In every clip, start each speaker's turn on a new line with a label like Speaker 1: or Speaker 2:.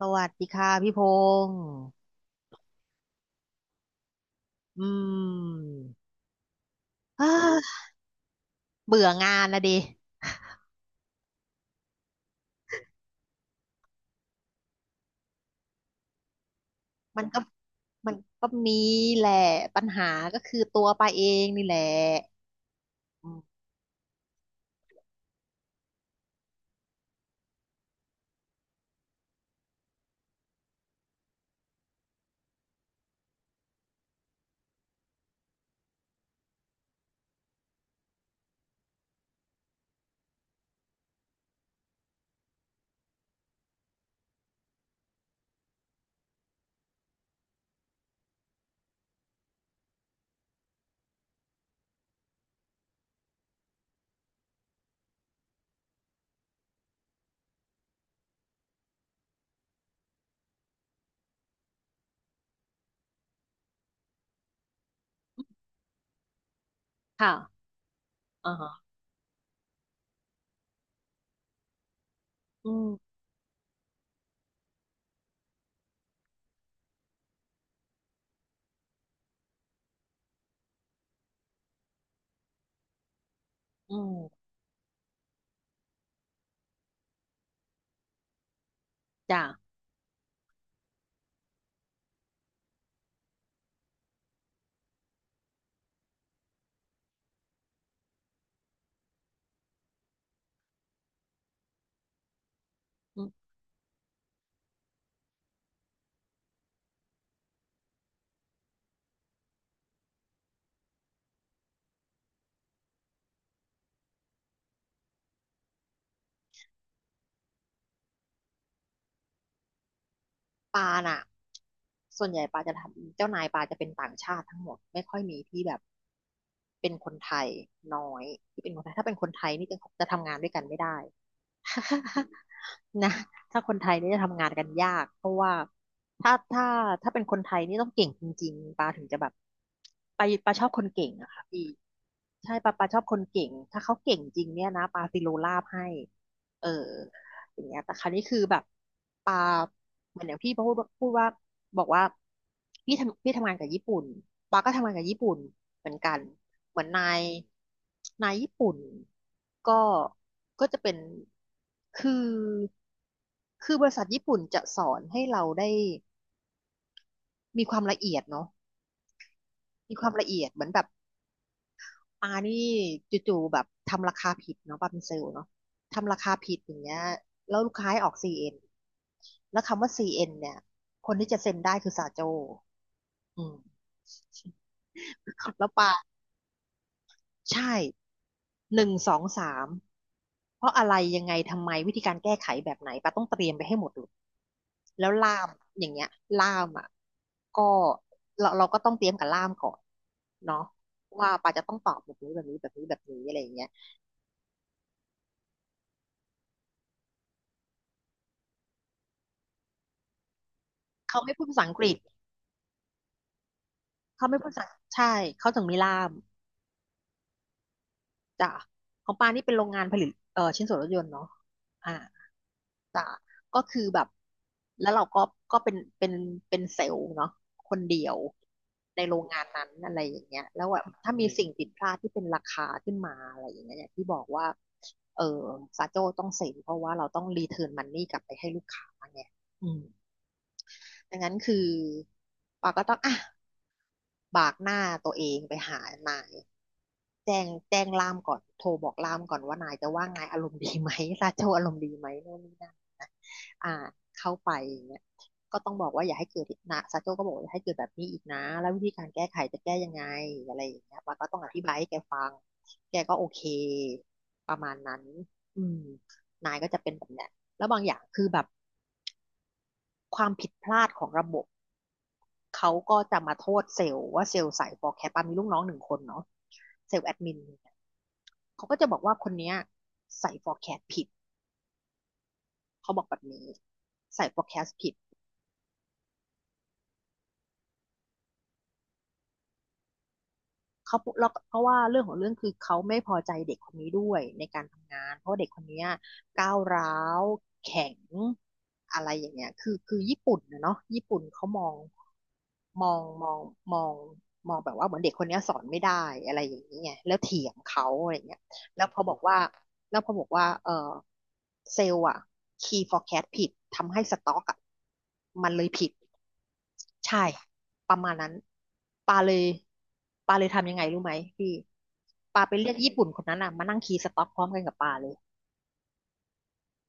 Speaker 1: สวัสดีค่ะพี่พงษ์อืม อ้าเบื่องานละดิมันก็มันก็มีแหละปัญหาก็คือตัวปาเองนี่แหละอืมค่ะอ่าฮะอืมอืมจ้ะอืมปาน่ะ ส่วนใหญ่ปาจะทำเจ้านายปาจะเป็นต่างชาติทั้งหมดไม่ค่อยมีที่แบบเป็นคนไทยน้อยที่เป็นคนไทยถ้าเป็นคนไทยนี่จะทำงานด้วยกันไม่ได้ นะถ้าคนไทยนี่จะทำงานกันยากเพราะว่าถ้าถ้าถ้าเป็นคนไทยนี่ต้องเก่งจริงๆปาถึงจะแบบไปาชอบคนเก่งอะค่ะพี่ใช่ปาชอบคนเก่งถ้าเขาเก่งจริงเนี่ยนะปาซิโลลาบให้เออ อย่างเงี้ยแต่คราวนี้คือแบบปาเหมือนอย่างพี่พูดว่าบอกว่าพี่ทำงานกับญี่ปุ่นปาก็ทำงานกับญี่ปุ่นเหมือนกันเหมือนนายนายญี่ปุ่นก็ก็จะเป็นคือคือบริษัทญี่ปุ่นจะสอนให้เราได้มีความละเอียดเนาะมีความละเอียดเหมือนแบบ ปานี่จู่ๆแบบทำราคาผิดเนาะปาเป็นเซลล์เนาะทำราคาผิดอย่างเงี้ยแล้วลูกค้าให้ออกซีเอ็นแล้วคำว่า CN เอ็นเนี่ยคนที่จะเซ็นได้คือสาโจอืมแล้วปาใช่หนึ่งสองสามเพราะอะไรยังไงทำไมวิธีการแก้ไขแบบไหนปาต้องเตรียมไปให้หมดเลยแล้วล่ามอย่างเงี้ยล่ามอ่ะก็เราก็ต้องเตรียมกับล่ามก่อนเนาะว่าปาจะต้องตอบแบบนี้แบบนี้แบบนี้แบบนี้อะไรอย่างเงี้ย เขาไม่พูดภาษาอังกฤษ เขาไม่พูดภาษา ใช่ เขาถึงมีล่ามจ้ะของปานี่เป็นโรงงานผลิตชิ้นส่วนรถยนต์เนาะอ่าจ้ะก็คือแบบ แล้วเราก็ก็เป็นเป็นเซลล์เนาะคนเดียว ในโรงงานนั้นอะไรอย่างเงี้ยแล้วแบบถ้ามีสิ่งผิดพลาดที่เป็นราคาขึ้นมาอะไรอย่างเงี้ยอย่างที่บอกว่าเออซาโจ้ต้องเซ็นเพราะว่าเราต้องรีเทิร์นมันนี่กลับไปให้ลูกค้าไงอืม ดังนั้นคือปาก็ต้องอ่ะบากหน้าตัวเองไปหานายแจ้งล่ามก่อนโทรบอกล่ามก่อนว่านายจะว่านายอารมณ์ดีไหมซาโจอารมณ์ดีไหมโน่นนี่นั่นนะอ่าเข้าไปอย่างเงี้ยก็ต้องบอกว่าอย่าให้เกิดอีกนะซาโจก็บอกว่าอย่าให้เกิดแบบนี้อีกนะแล้ววิธีการแก้ไขจะแก้ยังไงอะไรอย่างเงี้ยปาก็ต้องอธิบายให้แกฟังแกก็โอเคประมาณนั้นอืมนายก็จะเป็นแบบเนี้ยแล้วบางอย่างคือแบบความผิดพลาดของระบบ เขาก็จะมาโทษเซลล์ว่าเซลล์ใส่ฟอร์แคสต์ปามีลูกน้องหนึ่งคนเนาะเซลล์แอดมินเขาก็จะบอกว่าคนเนี้ยใส่ฟอร์แคสต์ผิดเขาบอกแบบนี้ใส่ฟอร์แคสต์ผิด เขาเพราะว่าเรื่องของเรื่องคือเขาไม่พอใจเด็กคนนี้ด้วยในการทำงานเพราะว่าเด็กคนนี้ยก้าวร้าวแข็งอะไรอย่างเงี้ยคือญี่ปุ่นนะเนาะญี่ปุ่นเขามองมองมองมองแบบว่าเหมือนเด็กคนนี้ยสอนไม่ได้อะไรอย่างเงี้ยแล้วเถียงเขาอะไรเงี้ยแล้วพอบอกว่าแล้วพอบอกว่าเออเซลล์อะ key forecast ผิดทำให้สต็อกอะมันเลยผิด ใช่ประมาณนั้นปาเลยปาเลยทำยังไงรู้ไหมพี่ปาไปเรียกญี่ปุ่นคนนั้นอ่ะมานั่งคีย์สต็อกพร้อมกันกับปาเลย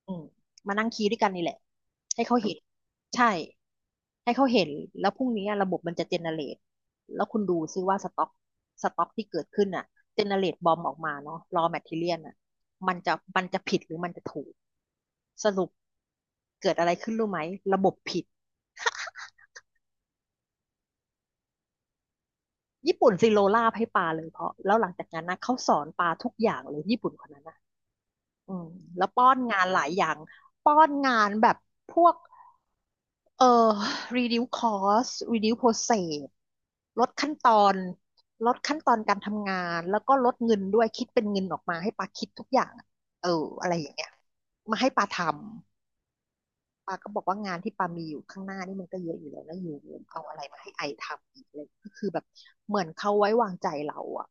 Speaker 1: อืมมานั่งคีย์ด้วยกันนี่แหละให้เขาเห็นใช่ให้เขาเห็นแล้วพรุ่งนี้ระบบมันจะเจเนเรตแล้วคุณดูซิว่าสต็อกที่เกิดขึ้นอ่ะเจเนเรตบอมออกมาเนาะรอแมทเทเรียลอ่ะมันจะผิดหรือมันจะถูกสรุปเกิดอะไรขึ้นรู้ไหมระบบผิด ญี่ปุ่นซีโรลาให้ปาเลยเพราะแล้วหลังจากนั้นนะเขาสอนปาทุกอย่างเลยญี่ปุ่นคนนั้นนะอืมแล้วป้อนงานหลายอย่างป้อนงานแบบพวกเอ่อ reduce cost reduce process ลดขั้นตอนลดขั้นตอนการทำงานแล้วก็ลดเงินด้วยคิดเป็นเงินออกมาให้ปาคิดทุกอย่างอะเอออะไรอย่างเงี้ยมาให้ปาทำ ปาก็บอกว่างานที่ปามีอยู่ข้างหน้านี่มันก็เยอะอยู่แล้วนะอยู่เอาอะไรมาให้ไอทำอีกเลยก็คือแบบเหมือนเขาไว้วางใจเราอ่ะ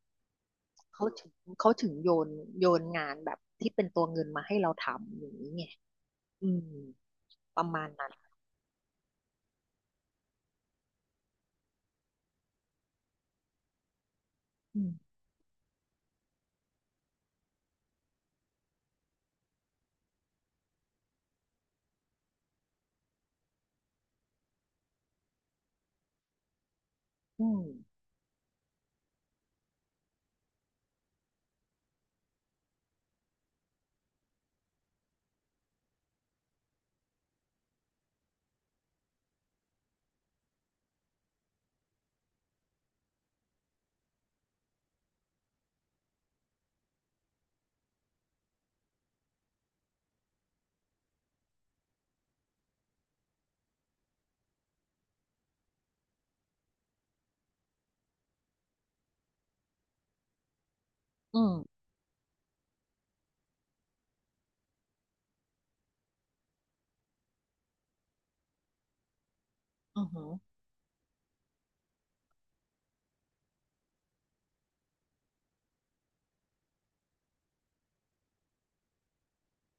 Speaker 1: เขาถึงเขาถึงโยนงานแบบที่เป็นตัวเงินมาให้เราทำอย่างนี้ไงอืมประมาณนั้นอืมอืมอืมอือหือ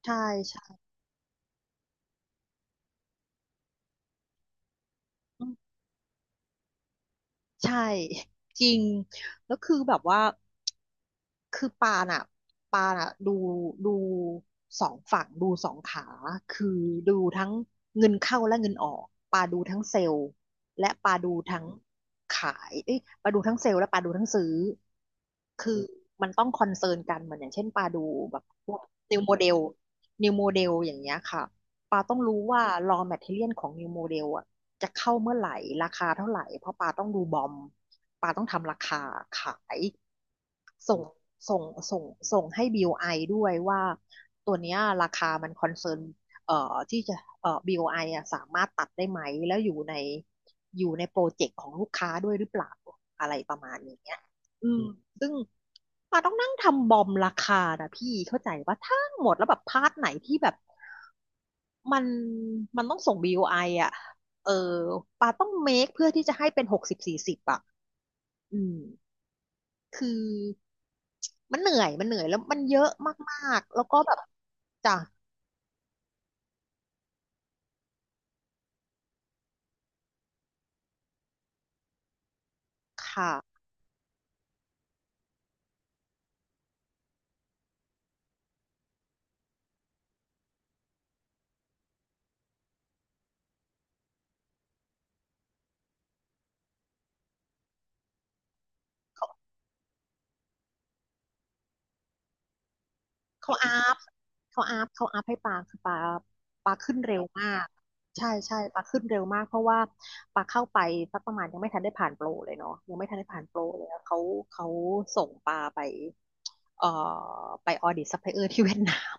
Speaker 1: ใช่ใช่ ใช่ จริงแล้วคือแบบว่าคือปาน่ะดูสองฝั่งดูสองขาคือดูทั้งเงินเข้าและเงินออกปาดูทั้งเซลล์และปาดูทั้งขายเอ้ยปาดูทั้งเซลล์และปาดูทั้งซื้อคือมันต้องคอนเซิร์นกันเหมือนอย่างเช่นปาดูแบบพวกนิวโมเดลนิวโมเดลอย่างเงี้ยค่ะปาต้องรู้ว่า raw material ของ new model อ่ะ จะเข้าเมื่อไหร่ราคาเท่าไหร่เพราะปาต้องดูบอมปาต้องทำราคาขายส่งส่งส่งส่งให้บิลไอด้วยว่าตัวเนี้ยราคามันคอนเซิร์นที่จะบิลไออ่ะสามารถตัดได้ไหมแล้วอยู่ในโปรเจกต์ของลูกค้าด้วยหรือเปล่าอะไรประมาณอย่างเงี้ยอืมซึ่งปาต้องนั่งทำบอมราคานะพี่เข้าใจว่าทั้งหมดแล้วแบบพาร์ทไหนที่แบบ มันมันต้องส่ง BOI ออ่ะเออปาต้องเมคเพื่อที่จะให้เป็น60/40อ่ะอืมคือมันเหนื่อยมันเหนื่อยแล้วมันเยอะมากๆแล้วก็แบบจ้ะ ค่ะ เขาอัพเขาอัพให้ปลาคือปลาขึ้นเร็วมาก ใช่ใช่ปลาขึ้นเร็วมากเพราะว่าปลาเข้าไปสักประมาณยังไม่ทันได้ผ่านโปรเลยเนาะยังไม่ทันได้ผ่านโปรเลยแล้วเขาส่งปลาไปเอ่อไปออดิตซัพพลายเออร์ที่เวียดนาม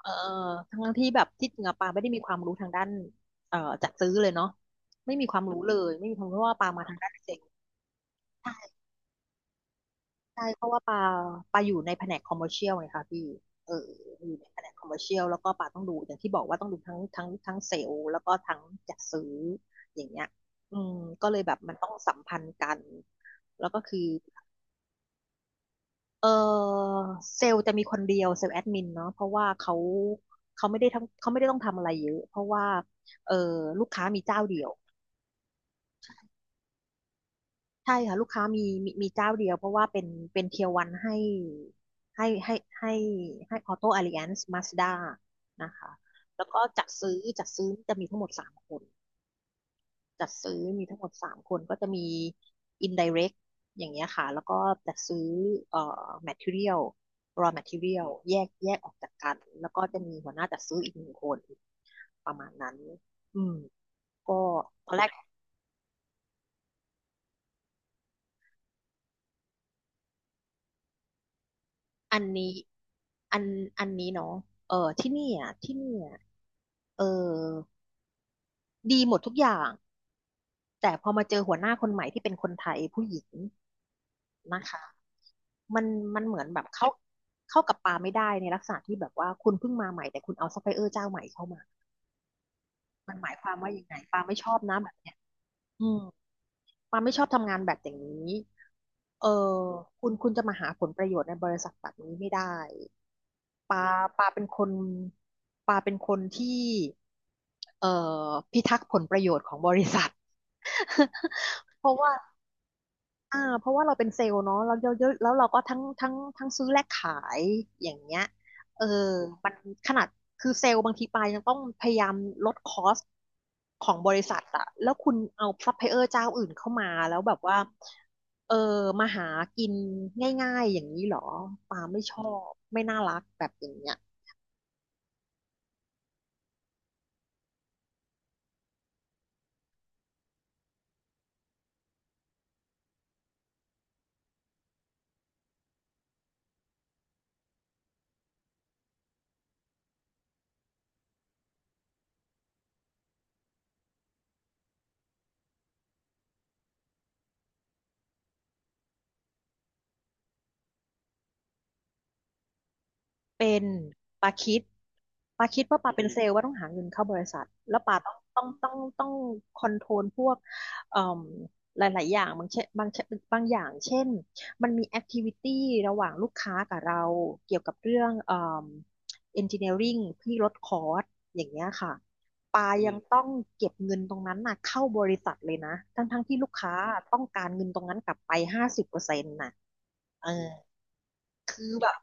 Speaker 1: เออทั้งที่แบบที่จริงอะปาไม่ได้มีความรู้ทางด้านเอ่อจัดซื้อเลยเนาะไม่มีความรู้เลยไม่มีความรู้เพราะว่าปามาทางด้านเกษตรใช่เพราะว่าปาอยู่ในแผนกคอมเมอร์เชียลไงคะพี่เอออยู่ในแผนกคอมเมอร์เชียลแล้วก็ปาต้องดูอย่างที่บอกว่าต้องดูทั้งเซลล์แล้วก็ทั้งจัดซื้ออย่างเงี้ยอืมก็เลยแบบมันต้องสัมพันธ์กันแล้วก็คือ เออเซลล์จะมีคนเดียวเซลล์แอดมินเนาะเพราะว่าเขาเขาไม่ได้ทั้งเขาไม่ได้ต้องทำอะไรเยอะเพราะว่าเออลูกค้ามีเจ้าเดียวใช่ค่ะลูกค้ามีเจ้าเดียวเพราะว่าเป็นเทียร์วันให้ให้ให้ให้ออโต้ a อ l i แอนซ์มาสด้านะคะแล้วก็จัดซื้อจะมีทั้งหมดสามคน จัดซื้อมีทั้งหมดสามคนก็จะมี indirect อย่างเงี้ยค่ะแล้วก็จัดซื้อเอ่อ material raw material แยกแยกออกจากกันแล้วก็จะมีหัวหน้าจัดซื้ออีกหนึ่งคนประมาณนั้นอืมก็ตอนแรกอันนี้อันอันนี้เนาะเออที่นี่อ่ะที่นี่อ่ะเออดีหมดทุกอย่างแต่พอมาเจอหัวหน้าคนใหม่ที่เป็นคนไทยผู้หญิงนะคะ มันมันเหมือนแบบเข้ากับปลาไม่ได้ในลักษณะที่แบบว่าคุณเพิ่งมาใหม่แต่คุณเอาซัพพลายเออร์เจ้าใหม่เข้ามามันหมายความว่ายังไงปาไม่ชอบนะแบบเนี้ยอืมปาไม่ชอบทำงานแบบอย่างนี้เออคุณจะมาหาผลประโยชน์ในบริษัทแบบนี้ไม่ได้ปาปาเป็นคนปาเป็นคนที่เอ่อพิทักษ์ผลประโยชน์ของบริษัท เพราะว่า อ่าเพราะว่าเราเป็นเซลล์เนาะแล้วเยอะๆแล้วเราก็ทั้งซื้อและขายอย่างเงี้ยเออมันขนาดคือเซลล์บางทีปลายยังต้องพยายามลดคอสของบริษัทอะแล้วคุณเอาซัพพลายเออร์เจ้าอื่นเข้ามาแล้วแบบว่าเออมาหากินง่ายๆอย่างนี้เหรอปาไม่ชอบไม่น่ารักแบบอย่างเงี้ย เป็นปาคิดปาคิดว่าปาเป็นเซลล์ว่าต้องหาเงินเข้าบริษัทแล้วปาต้องคอนโทรลพวกเอ่มหลายๆอย่างบางอย่างเช่นมันมีแอคทิวิตี้ระหว่างลูกค้ากับเราเกี่ยวกับเรื่องเอ่มเอนจิเนียริ่งที่ลดคอร์สอย่างเงี้ยค่ะปาอืยังมต้องเก็บเงินตรงนั้นน่ะเข้าบริษัทเลยนะทั้งๆที่ลูกค้าต้องการเงินตรงนั้นกลับไป50%น่ะเออคือแบบ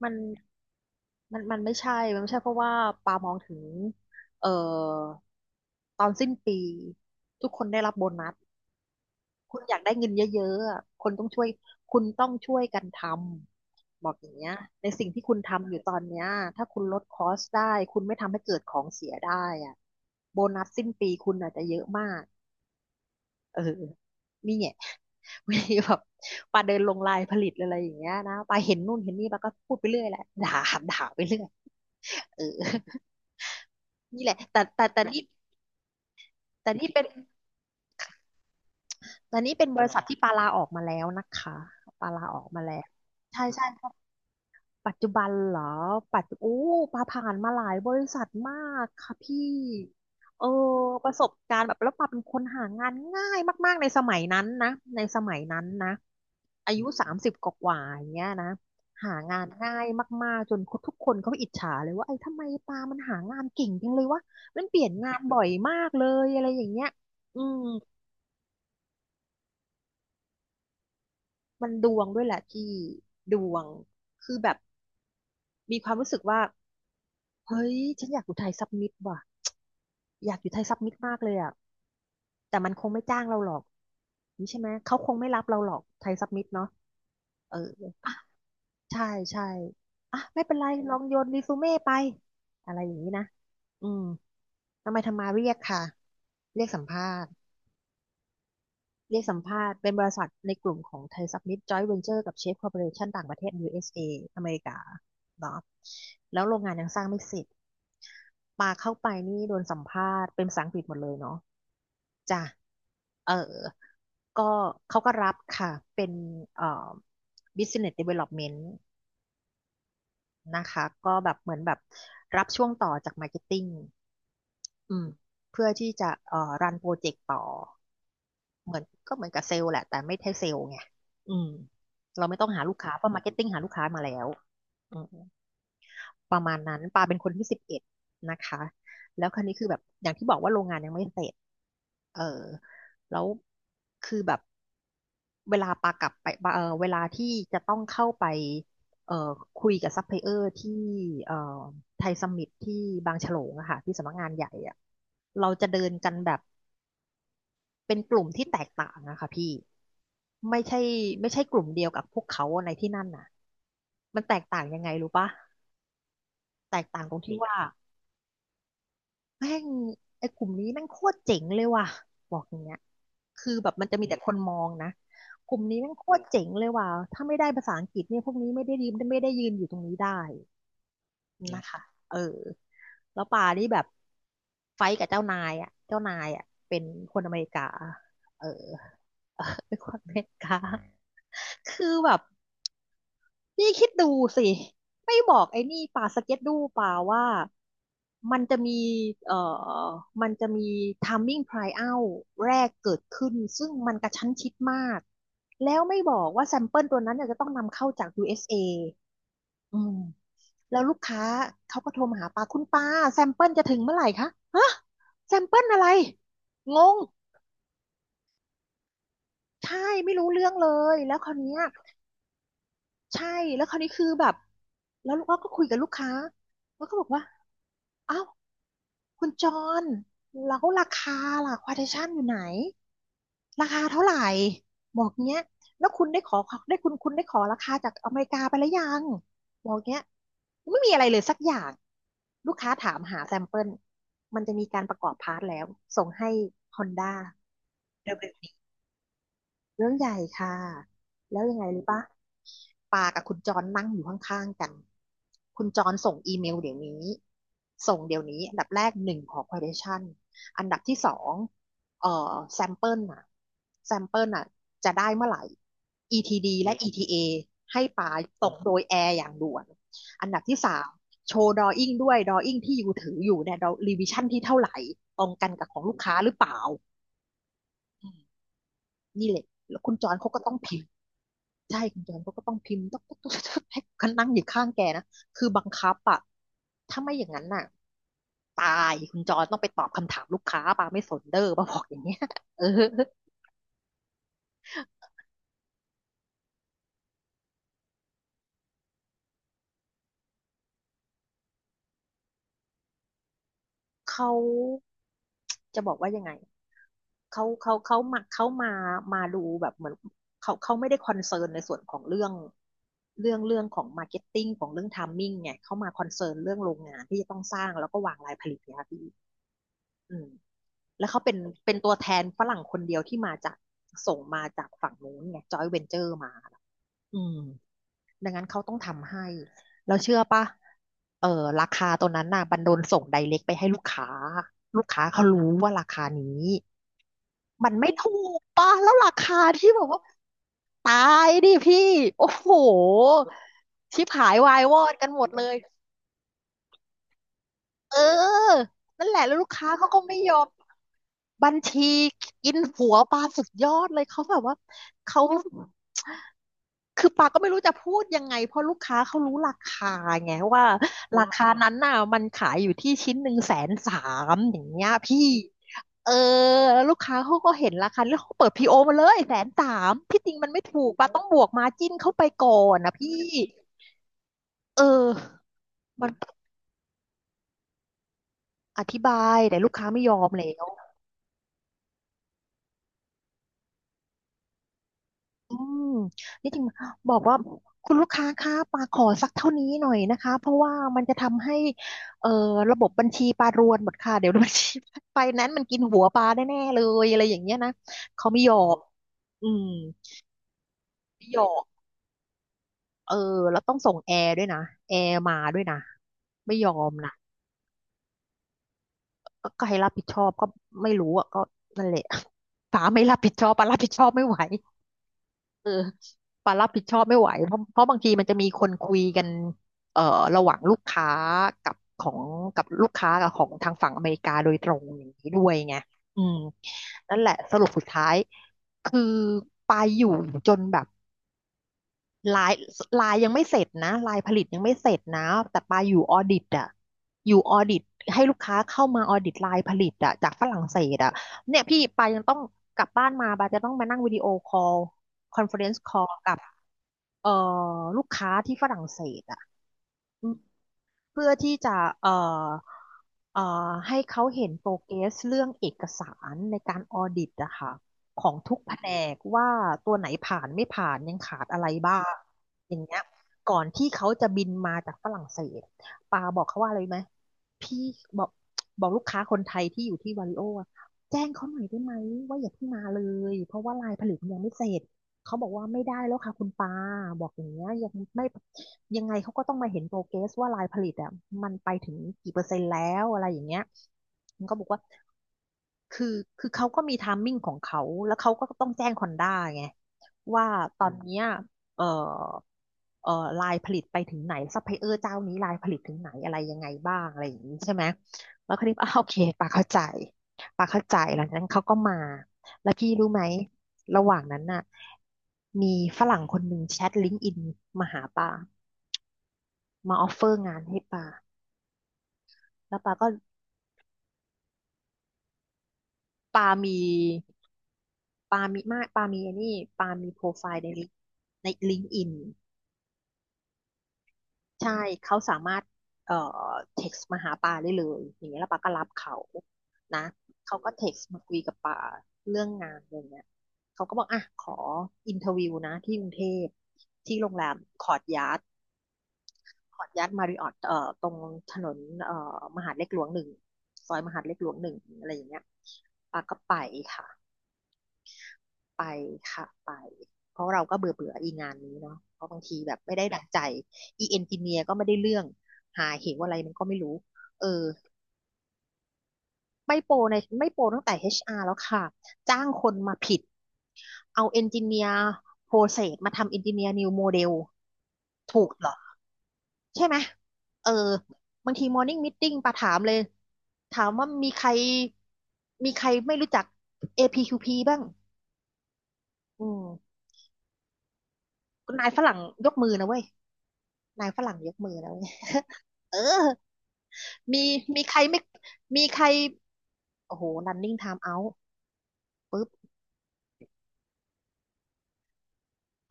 Speaker 1: มัน มันไม่ใช่เพราะว่าปามองถึงเอ่อตอนสิ้นปีทุกคนได้รับโบนัสคุณอยากได้เงินเยอะๆอะคนต้องช่วยคุณต้องช่วยกันทำบอกอย่างเงี้ยในสิ่งที่คุณทำอยู่ตอนเนี้ยถ้าคุณลดคอสได้คุณไม่ทำให้เกิดของเสียได้อะโบนัสสิ้นปีคุณอาจจะเยอะมากเออนี่เนี่ย วันนี้แบบปาเดินลงลายผลิตอะไรอย่างเงี้ยนะปาเห็นนู่นเห็นนี่ปาก็พูดไปเรื่อยแหละด่า ด่าไปเรื่อยเออ นี่แหละแต่นี่แต่นี่เป็นแต่นี่เป็นบริษัทที่ปาลาออกมาแล้วนะคะ ปาลาออกมาแล้วใช่ใช่ ปัจจุบันเหรอปัจจุโอ้ปาผ่านมาหลายบริษัทมากค่ะพี่เออประสบการณ์แบบแล้วปาเป็นคนหางานง่ายมากๆในสมัยนั้นนะในสมัยนั้นนะอายุ30กว่าๆอย่างเงี้ยนะหางานง่ายมากๆจนทุกคนเขาอิจฉาเลยว่าไอ้ทำไมปามันหางานเก่งจังเลยวะมันเปลี่ยนงานบ่อยมากเลยอะไรอย่างเงี้ยอืมมันดวงด้วยแหละที่ดวงคือแบบมีความรู้สึกว่าเฮ้ยฉันอยากอุทัยซับมิตว่ะ อยากอยู่ไทยซับมิตมากเลยอ่ะแต่มันคงไม่จ้างเราหรอกนี่ใช่ไหม เขาคงไม่รับเราหรอกไทยซับมิตเนาะเอออ่ะใช่ใช่อ่ะไม่เป็นไรลองโยนรีซูเม่ไปอะไรอย่างนี้นะอืมทำไมทำมาเรียกค่ะ เรียกสัมภาษณ์เรียกสัมภาษณ์เป็นบริษัทในกลุ่มของไทยซับมิตจอยเวนเจอร์กับเชฟคอร์ปอเรชั่นต่างประเทศ USA อสเออเมริกาเนาะแล้วโรงงานยังสร้างไม่เสร็จปาเข้าไปนี่โดนสัมภาษณ์เป็นภาษาอังกฤษหมดเลยเนาะ จ้ะเออก็เขาก็รับค่ะ เป็นเอ่อ business development นะคะ ก็แบบเหมือนแบบรับช่วงต่อจาก marketing อืมเพื่อที่จะรันโปรเจกต์ต่อ เหมือนก็เหมือนกับเซลล์แหละแต่ไม่ใช่เซลล์ไงอืมเราไม่ต้องหาลูกค้า เพราะ marketing หาลูกค้ามาแล้วอืม ประมาณนั้นปาเป็นคนที่11นะคะแล้วคราวนี้คือแบบอย่างที่บอกว่าโรงงานยังไม่เสร็จเออแล้วคือแบบเวลาปากลับไปปาเออเวลาที่จะต้องเข้าไปเอ่อคุยกับซัพพลายเออร์ที่เอ่อไทยซัมมิตที่บางฉลงอะค่ะที่สำนักงานใหญ่อะเราจะเดินกันแบบเป็นกลุ่มที่แตกต่างอะค่ะพี่ไม่ใช่ไม่ใช่กลุ่มเดียวกับพวกเขาในที่นั่นน่ะมันแตกต่างยังไงรู้ปะแตกต่างตรงที่ว่า แม่งไอ้กลุ่มนี้แม่งโคตรเจ๋งเลยว่ะบอกอย่างเงี้ยคือแบบมันจะมีแต่คนมองนะกลุ่มนี้แม่งโคตรเจ๋งเลยว่ะถ้าไม่ได้ภาษาอังกฤษเนี่ยพวกนี้ไม่ได้ยืนอยู่ตรงนี้ได้นะคะเออแล้วป่านี่แบบไฟท์กับเจ้านายอ่ะเจ้านายอ่ะเป็นคนอเมริกาเออ เออเป็นคนอเมริกาคือแบบ นี่คิดดูสิไม่บอกไอ้นี่ป่าสเก็ตดูป่าว่ามันจะมีเอ่อมันจะมี timing tryout แรกเกิดขึ้นซึ่งมันกระชั้นชิดมากแล้วไม่บอกว่าแซมเปิลตัวนั้นเนี่ยจะต้องนำเข้าจาก USA อสเออืมแล้วลูกค้าเขาก็โทรมาหาป้าคุณป้าแซมเปิลจะถึงเมื่อไหร่คะฮะแซมเปิลอะไรงงใช่ไม่รู้เรื่องเลยแล้วคราวเนี้ย ใช่แล้วคราวนี้คือแบบแล้วเราก็คุยกับลูกค้าแล้วก็บอกว่าอ้าวคุณจอนแล้วราคาล่ะควอเทชั่นอยู่ไหนราคาเท่าไหร่บอกเนี้ยแล้วคุณได้ขอราคาจากอเมริกาไปแล้วยังบอกเนี้ยไม่มีอะไรเลยสักอย่างลูกค้าถามหาแซมเปิลมันจะมีการประกอบพาร์ทแล้วส่งให้ Honda เร็วๆ เรื่องใหญ่ค่ะ แล้วยังไงรู้ปะปากับคุณจอนนั่งอยู่ข้างๆกัน คุณจอนส่งอีเมลเดี๋ยวนี้ ส่งเดี๋ยวนี้อันดับแรกหนึ่งขอ quotation อันดับที่สองsample น่ะ sample น่ะจะได้เมื่อไหร่ ETD และ ETA ให้ปาส่งโดยแอร์อย่างด่วนอันดับที่สามโชว์ drawing ด้วย drawing ที่อยู่ถืออยู่เนี่ย revision ที่เท่าไหร่ตรงกันกับของลูกค้าหรือเปล่าอืมนี่แหละแล้วคุณจอนเขาก็ต้องพิมพ์ ใช่คุณจอนเขาก็ต้องพิมพ์ต๊อกต๊อกต๊อกต๊อกให้กันนั่งอยู่ข้างแกนะคือบังคับอะถ้าไม่อย่างนั้นน่ะตายคุณจอนต้องไปตอบคำถามลูกค้าปาไม่สนเด้อปาบอกอย่างเงี้ยเออเขาจะบอกว่ายังไงเขามาดูแบบเหมือนเขาไม่ได้คอนเซิร์นในส่วนของเรื่องเรื่องของมาร์เก็ตติ้งของเรื่องไทมิ่งไงเขามาคอนเซิร์นเรื่องโรงงานที่จะต้องสร้างแล้วก็วางรายผลิตเนี่ยค่ะพี่อืม แล้วเขาเป็นเป็นตัวแทนฝรั่งคนเดียวที่มาจากส่งมาจากฝั่งนู้นไงจอยเวนเจอร์มาอืมดังนั้นเขาต้องทำให้เราเชื่อปะเออราคาตัวนั้นน่ะบันโดนส่งไดเรกไปให้ลูกค้าลูกค้าเขารู้ว่าราคานี้มันไม่ถูกปะแล้วราคาที่แบบว่าตายดิพี่โอ้โหชิบหายวายวอดกันหมดเลยเออนั่นแหละแล้วลูกค้าเขาก็ไม่ยอม บัญชีกินหัวปาสุดยอดเลยเขาแบบว่าเขาคือปาก็ไม่รู้จะพูดยังไงเพราะลูกค้าเขารู้ราคาไงว่าราคานั้นน่ะมันขายอยู่ที่ชิ้นหนึ่งแสนสามอย่างเงี้ยพี่เออแล้วลูกค้าเขาก็เห็นราคาแล้วเขาเปิดพีโอมาเลยแสนสามที่จริงมันไม่ถูกปาต้องบวกมาจิ้นเข้าไปก่อนนะพี่เออมันอธิบายแต่ลูกค้าไม่ยอมแล้ว อืมนี่จริงบอกว่าคุณลูกค้าคะปาขอสักเท่านี้หน่อยนะคะเพราะว่ามันจะทำให้เอ่อระบบบัญชีปารวนหมดค่ะเดี๋ยวบัญชี ไฟแนนซ์มันกินหัวปาแน่ๆเลยอะไรอย่างเงี้ยนะเขาไม่ยอมอืมไม่ยอมเออแล้วต้องส่งแอร์ด้วยนะแอร์มาด้วยนะไม่ยอมนะก็ใครรับผิดชอบก็ไม่รู้อ่ะก็นั่นแหละ ป๋าไม่รับผิดชอบป๋ารับผิดชอบไม่ไหว เออปารับผิดชอบไม่ไหวเพราะบางทีมันจะมีคนคุยกันเอ่อระหว่างลูกค้ากับของกับลูกค้ากับของทางฝั่งอเมริกาโดยตรงอย่างนี้ด้วยไงอืมนั่นแหละสรุปสุดท้ายคือปาอยู่จนแบบลายลายยังไม่เสร็จนะลายผลิตยังไม่เสร็จนะแต่ปาอยู่ออดิตอะอยู่ออดิตให้ลูกค้าเข้ามาออดิตลายผลิตอะจากฝรั่งเศสอะเนี่ยพี่ปายังต้องกลับบ้านมาปาจะต้องมานั่งวิดีโอคอลคอนเฟอเรนซ์คอลกับ เอ่อลูกค้าที่ฝรั่งเศสอ่ะอืมเพื่อที่จะเอ่อเอ่อให้เขาเห็นโปรเกรสเรื่องเอกสารในการออดิตอะค่ะของทุกแผนกว่าตัวไหนผ่านไม่ผ่านยังขาดอะไรบ้างอย่างเงี้ยก่อนที่เขาจะบินมาจากฝรั่งเศสปาบอกเขาว่าอะไรรู้ไหมพี่บอกลูกค้าคนไทยที่อยู่ที่วาริโออะแจ้งเขาหน่อยได้ไหมว่าอย่าเพิ่งมาเลยเพราะว่าลายผลิตมันยังไม่เสร็จ เขาบอกว่าไม่ได้แล้วค่ะคุณปาบอกอย่างเงี้ยยังไม่ยังไงเขาก็ต้องมาเห็นโปรเกรสว่าลายผลิตอ่ะมันไปถึงกี่เปอร์เซ็นต์แล้วอะไรอย่างเงี้ยมันก็บอกว่าคือคือเขาก็มีไทมิ่งของเขาแล้วเขาก็ต้องแจ้งคอนด้าไงว่าตอนเนี้ยเอ่อเอ่อลายผลิตไปถึงไหนซัพพลายเออร์เจ้านี้ลายผลิตถึงไหนอะไรยังไงบ้างอะไรอย่างนี้ใช่ไหมแล้วคลิปอาโอเคปาเข้าใจปาเข้าใจหลังจากนั้นเขาก็มา พี่รู้ไหมระหว่างนั้นน่ะมีฝรั่งคนหนึ่งแชทลิงก์อินมาหาปามาออฟเฟอร์งานให้ปาแล้วปาก็ปามีปามีมากปามีไอันนี้ปามีโปรไฟล์ในลิงก์อินใช่เขาสามารถเอ่อเท็กซ์มาหาปาได้เลยอย่างเงี้ยแล้วปาก็รับเขานะเขาก็เท็กซ์มาคุยกับปาเรื่องงานอย่างเงี้ยเขาก็บอกอ่ะขออินเทอร์วิวนะที่กรุงเทพที่โรงแรมคอร์ทยาร์ด ขออนุญาตมาริออตตรงถนนมหาดเล็กหลวงหนึ่งซอยมหาดเล็กหลวงหนึ่งอะไรอย่างเงี้ยปาก็ไปค่ะไปค่ะไปเพราะเราก็เบื่อเบื่ออีงานนี้เนาะเพราะบางทีแบบไม่ได้ดั่งใจอีเอนจิเนียร์ก็ไม่ได้เรื่องหาเหวอะไรมันก็ไม่รู้เออไม่โปรตั้งแต่ HR แล้วค่ะจ้างคนมาผิดเอาเอนจิเนียร์โปรเซสมาทำเอนจิเนียร์นิวโมเดลถูกเหรอ ใช่ไหมเออ บางทีมอร์นิ่งม e ต i n งปะถามเลย ถามว่ามีใคร มีใครไม่รู้จัก APQP บ้าง อืม นายฝรั่งยกมือนะเว้ย นายฝรั่งยกมือนะเว้ย เออ มี มีใครไม่มีใคร โอ้โห running time out ปุ๊บ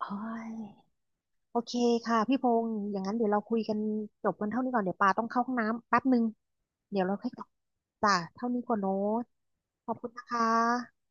Speaker 1: โอ้ยโอเคค่ะพี่พงษ์อย่างนั้นเดี๋ยวเราคุยกันจบกันเท่านี้ก่อนเดี๋ยวปาต้องเข้าห้องน้ำแป๊บหนึ่งเดี๋ยวเราค่อยกลับจ้ะเท่านี้ก่อนโน้ตขอบคุณนะคะ